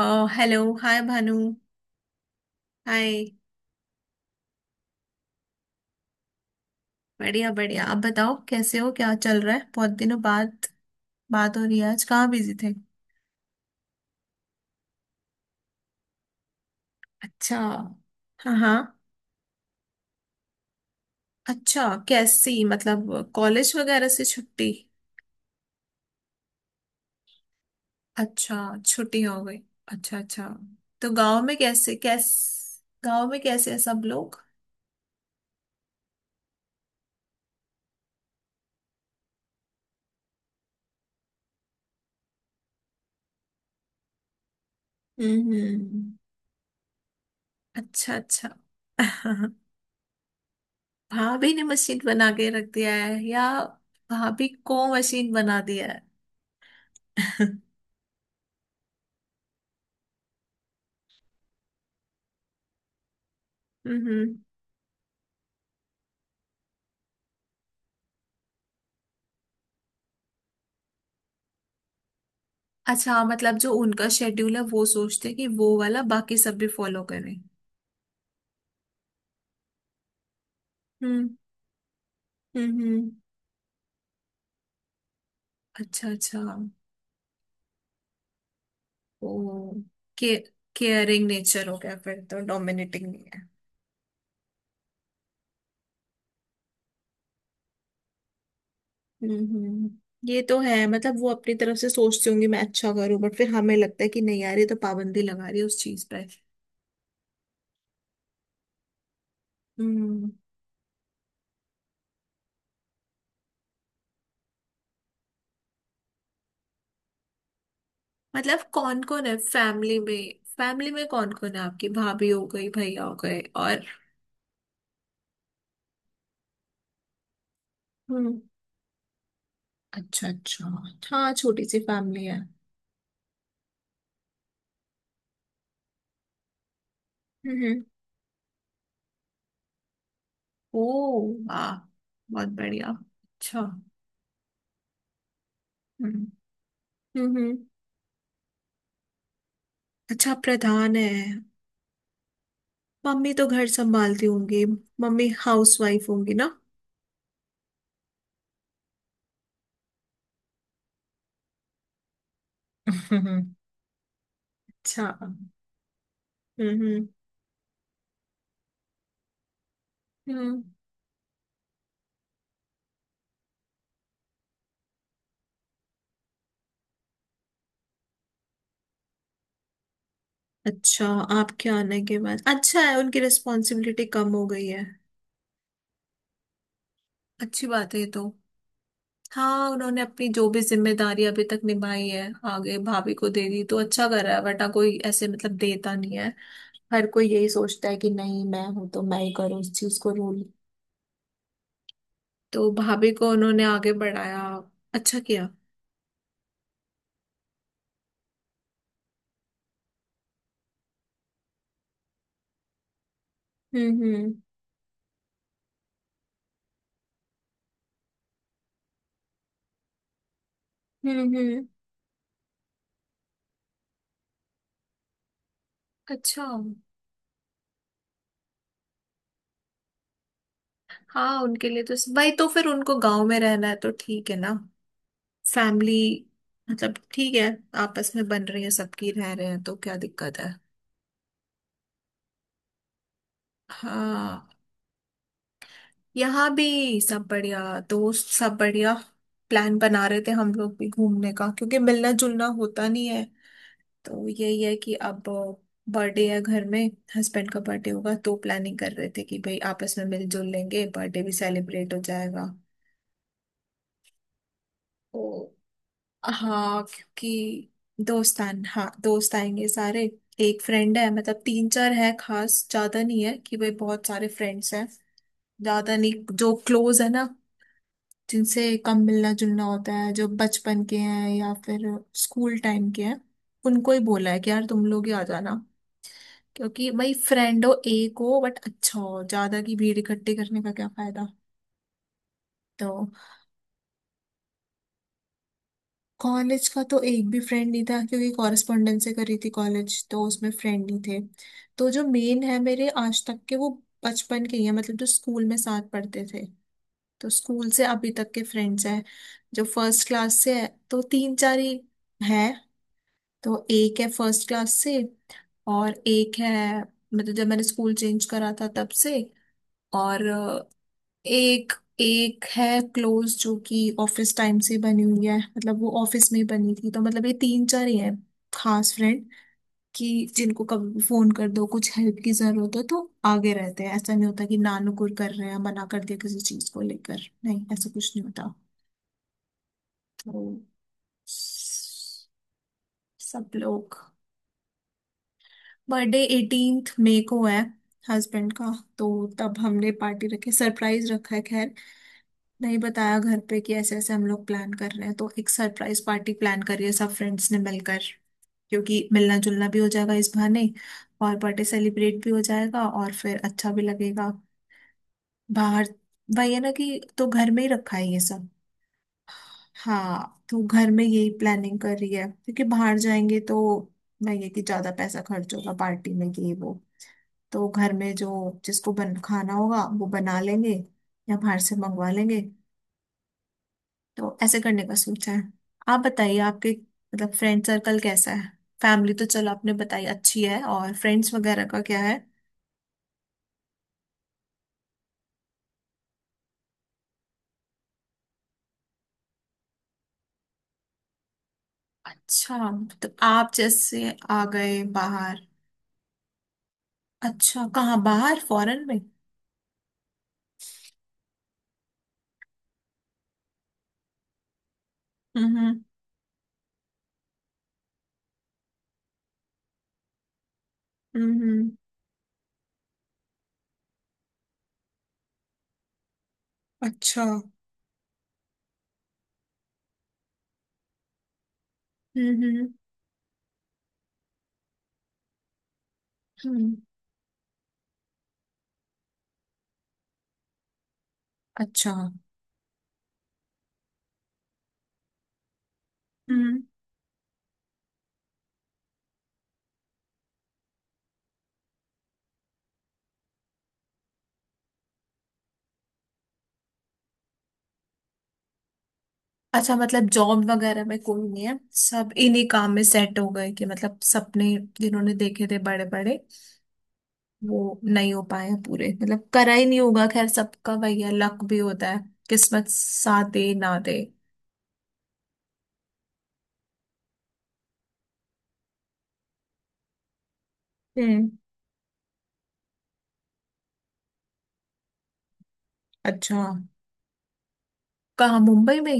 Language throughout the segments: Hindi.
ओ, हेलो हाय भानु। हाय। बढ़िया बढ़िया, आप बताओ कैसे हो, क्या चल रहा है। बहुत दिनों बाद बात हो रही है, आज कहाँ बिजी थे। अच्छा। हाँ हाँ। अच्छा कैसी, मतलब कॉलेज वगैरह से छुट्टी। अच्छा, छुट्टी हो गई। अच्छा अच्छा। तो गांव में कैसे कैस गांव में कैसे है सब लोग। हम्म। अच्छा अच्छा। भाभी ने मशीन बना के रख दिया है या भाभी को मशीन बना दिया है। हम्म। अच्छा हाँ, मतलब जो उनका शेड्यूल है वो सोचते हैं कि वो वाला बाकी सब भी फॉलो करें। हम्म हम्म हम्म। अच्छा अच्छा। ओ के, केयरिंग नेचर हो गया, फिर तो डोमिनेटिंग नहीं है। हम्म हम्म। ये तो है, मतलब वो अपनी तरफ से सोचती होंगी मैं अच्छा करूं, बट फिर हमें लगता है कि नहीं यार ये तो पाबंदी लगा रही है उस चीज पर। हम्म। मतलब कौन कौन है फैमिली में कौन कौन है, आपकी भाभी हो गई, भैया हो गए और। हम्म। अच्छा अच्छा। हाँ, छोटी सी फैमिली है। हम्म। ओ वाह, बहुत बढ़िया, अच्छा। हम्म हम्म हम्म। अच्छा, आप प्रधान है, मम्मी तो घर संभालती होंगी, मम्मी हाउसवाइफ होंगी ना। अच्छा हम्म। अच्छा। हम्म हम्म। अच्छा, आपके आने के बाद अच्छा है, उनकी रिस्पॉन्सिबिलिटी कम हो गई है। अच्छी बात है ये तो। हाँ, उन्होंने अपनी जो भी जिम्मेदारी अभी तक निभाई है आगे भाभी को दे दी तो अच्छा कर रहा है, वरना कोई ऐसे मतलब देता नहीं है। हर कोई यही सोचता है कि नहीं, मैं हूं तो मैं ही करूँ उस चीज को रूल। तो भाभी को उन्होंने आगे बढ़ाया, अच्छा किया। हम्म हम्म हम्म। अच्छा। हाँ, उनके लिए तो भाई, तो फिर उनको गांव में रहना है तो ठीक है ना। फैमिली, मतलब ठीक है। आपस में बन रही है सबकी, रह रहे हैं तो क्या दिक्कत है। हाँ। यहाँ भी सब बढ़िया, दोस्त सब बढ़िया। प्लान बना रहे थे हम लोग भी घूमने का क्योंकि मिलना जुलना होता नहीं है, तो यही है कि अब बर्थडे है घर में। हस्बैंड का बर्थडे होगा, तो प्लानिंग कर रहे थे कि भाई आपस में मिलजुल लेंगे, बर्थडे भी सेलिब्रेट हो जाएगा तो। हाँ क्योंकि दोस्तान, हाँ दोस्त आएंगे सारे। एक फ्रेंड है, मतलब तीन चार है खास, ज्यादा नहीं है कि भाई बहुत सारे फ्रेंड्स हैं, ज्यादा नहीं। जो क्लोज है ना, जिनसे कम मिलना जुलना होता है, जो बचपन के हैं या फिर स्कूल टाइम के हैं, उनको ही बोला है कि यार तुम लोग ही आ जाना। क्योंकि भाई फ्रेंड हो एक हो बट अच्छा हो, ज्यादा की भीड़ इकट्ठी करने का क्या फायदा। तो कॉलेज का तो एक भी फ्रेंड नहीं था, क्योंकि कॉरेस्पॉन्डेंस से करी थी कॉलेज, तो उसमें फ्रेंड ही थे। तो जो मेन है मेरे आज तक के वो बचपन के ही है, मतलब जो स्कूल में साथ पढ़ते थे, तो स्कूल से अभी तक के फ्रेंड्स हैं। जो फर्स्ट क्लास से है तो तीन चार ही है। तो एक है फर्स्ट क्लास से, और एक है मतलब जब मैंने स्कूल चेंज करा था तब से। और एक एक है क्लोज, जो कि ऑफिस टाइम से बनी हुई है, मतलब वो ऑफिस में ही बनी थी, तो मतलब ये तीन चार ही हैं खास फ्रेंड, कि जिनको कभी भी फोन कर दो कुछ हेल्प की जरूरत हो तो आगे रहते हैं, ऐसा नहीं होता कि नानुकुर कर रहे हैं, मना कर दिया किसी चीज को लेकर नहीं, ऐसा कुछ नहीं होता। तो स- सब लोग। बर्थडे 18th मई को है, हस्बैंड का। तो तब हमने पार्टी रखी, सरप्राइज रखा है, खैर नहीं बताया घर पे कि ऐसे ऐसे हम लोग प्लान कर रहे हैं, तो एक सरप्राइज पार्टी प्लान करी है सब फ्रेंड्स ने मिलकर, क्योंकि मिलना जुलना भी हो जाएगा इस बहाने और बर्थडे सेलिब्रेट भी हो जाएगा और फिर अच्छा भी लगेगा। बाहर वही है ना कि, तो घर में ही रखा है ये सब। हाँ, तो घर में यही प्लानिंग कर रही है, क्योंकि बाहर जाएंगे तो वही है कि ज्यादा पैसा खर्च होगा पार्टी में ये वो। तो घर में जो जिसको बन खाना होगा वो बना लेंगे या बाहर से मंगवा लेंगे, तो ऐसे करने का सोचा है। आप बताइए आपके, मतलब फ्रेंड सर्कल कैसा है, फैमिली तो चलो आपने बताई अच्छी है और फ्रेंड्स वगैरह का क्या है। अच्छा मतलब आप जैसे आ गए बाहर। अच्छा, कहाँ, बाहर फॉरेन में। हम्म हम्म हम्म, अच्छा। हम्म हम्म हम्म, अच्छा। हम्म। अच्छा मतलब जॉब वगैरह में कोई नहीं है, सब इन्हीं काम में सेट हो गए, कि मतलब सपने जिन्होंने देखे थे बड़े बड़े वो नहीं हो पाए हैं पूरे, मतलब करा ही नहीं होगा, खैर सबका वही है, लक भी होता है, किस्मत साथ दे ना दे। हम्म। अच्छा कहाँ, मुंबई में।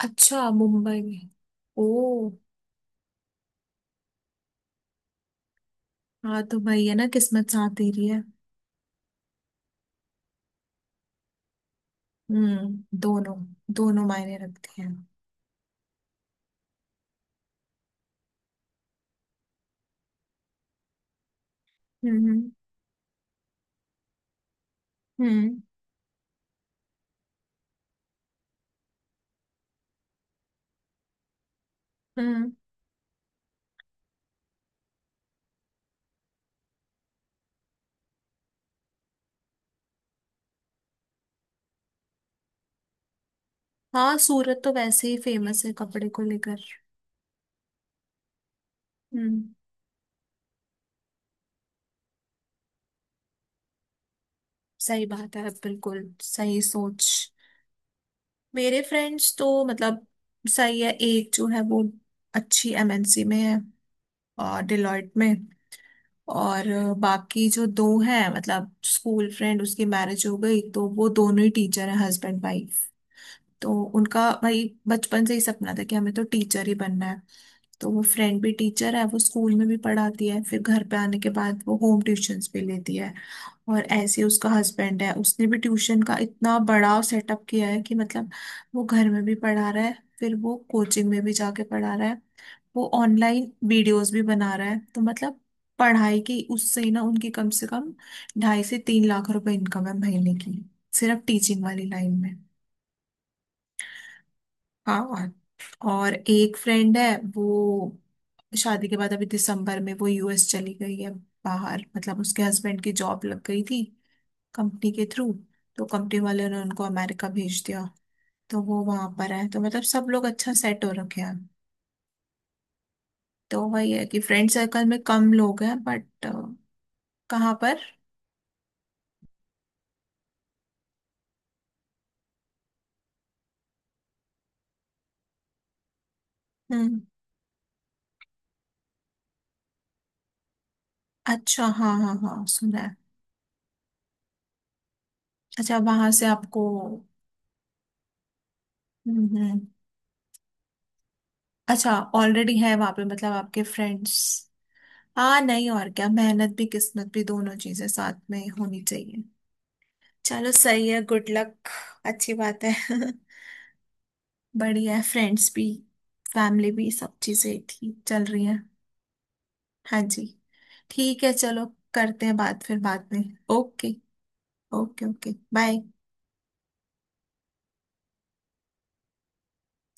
अच्छा, मुंबई में। ओ। हाँ तो वही है ना, किस्मत साथ दे रही है। हम्म, दोनों। दोनों मायने रखते हैं। हम्म। हम्म हम्म। हाँ, सूरत तो वैसे ही फेमस है कपड़े को लेकर। हम्म। सही बात है बिल्कुल, सही सोच। मेरे फ्रेंड्स तो मतलब सही है। एक जो है वो अच्छी एमएनसी में है, और डिलॉयट में। और बाकी जो दो हैं, मतलब स्कूल फ्रेंड, उसकी मैरिज हो गई तो वो दोनों ही टीचर हैं, हस्बैंड वाइफ। तो उनका भाई बचपन से ही सपना था कि हमें तो टीचर ही बनना है। तो वो फ्रेंड भी टीचर है, वो स्कूल में भी पढ़ाती है, फिर घर पे आने के बाद वो होम ट्यूशंस भी लेती है। और ऐसे ही उसका हस्बैंड है, उसने भी ट्यूशन का इतना बड़ा सेटअप किया है कि मतलब वो घर में भी पढ़ा रहा है, फिर वो कोचिंग में भी जाके पढ़ा रहा है, वो ऑनलाइन वीडियोस भी बना रहा है, तो मतलब पढ़ाई की उससे ही ना उनकी कम से कम 2.5 से 3 लाख रुपए इनकम है महीने की, सिर्फ टीचिंग वाली लाइन में। हाँ। और एक फ्रेंड है वो शादी के बाद अभी दिसंबर में वो यूएस चली गई है बाहर, मतलब उसके हस्बैंड की जॉब लग गई थी कंपनी के थ्रू, तो कंपनी वालों ने उनको अमेरिका भेज दिया, तो वो वहां पर है, तो मतलब सब लोग अच्छा सेट हो रखे हैं, तो वही है कि फ्रेंड सर्कल में कम लोग हैं बट। कहाँ पर। हम्म। अच्छा हाँ हाँ हाँ, सुना है। अच्छा वहां से आपको। हम्म। अच्छा, ऑलरेडी है वहां पे मतलब आपके फ्रेंड्स। हाँ नहीं, और क्या, मेहनत भी किस्मत भी दोनों चीजें साथ में होनी चाहिए। चलो, सही है, गुड लक, अच्छी बात है। बढ़िया है, फ्रेंड्स भी फैमिली भी सब चीजें ठीक चल रही हैं। हाँ जी, ठीक है चलो, करते हैं बात फिर बाद में। ओके। Okay okay bye.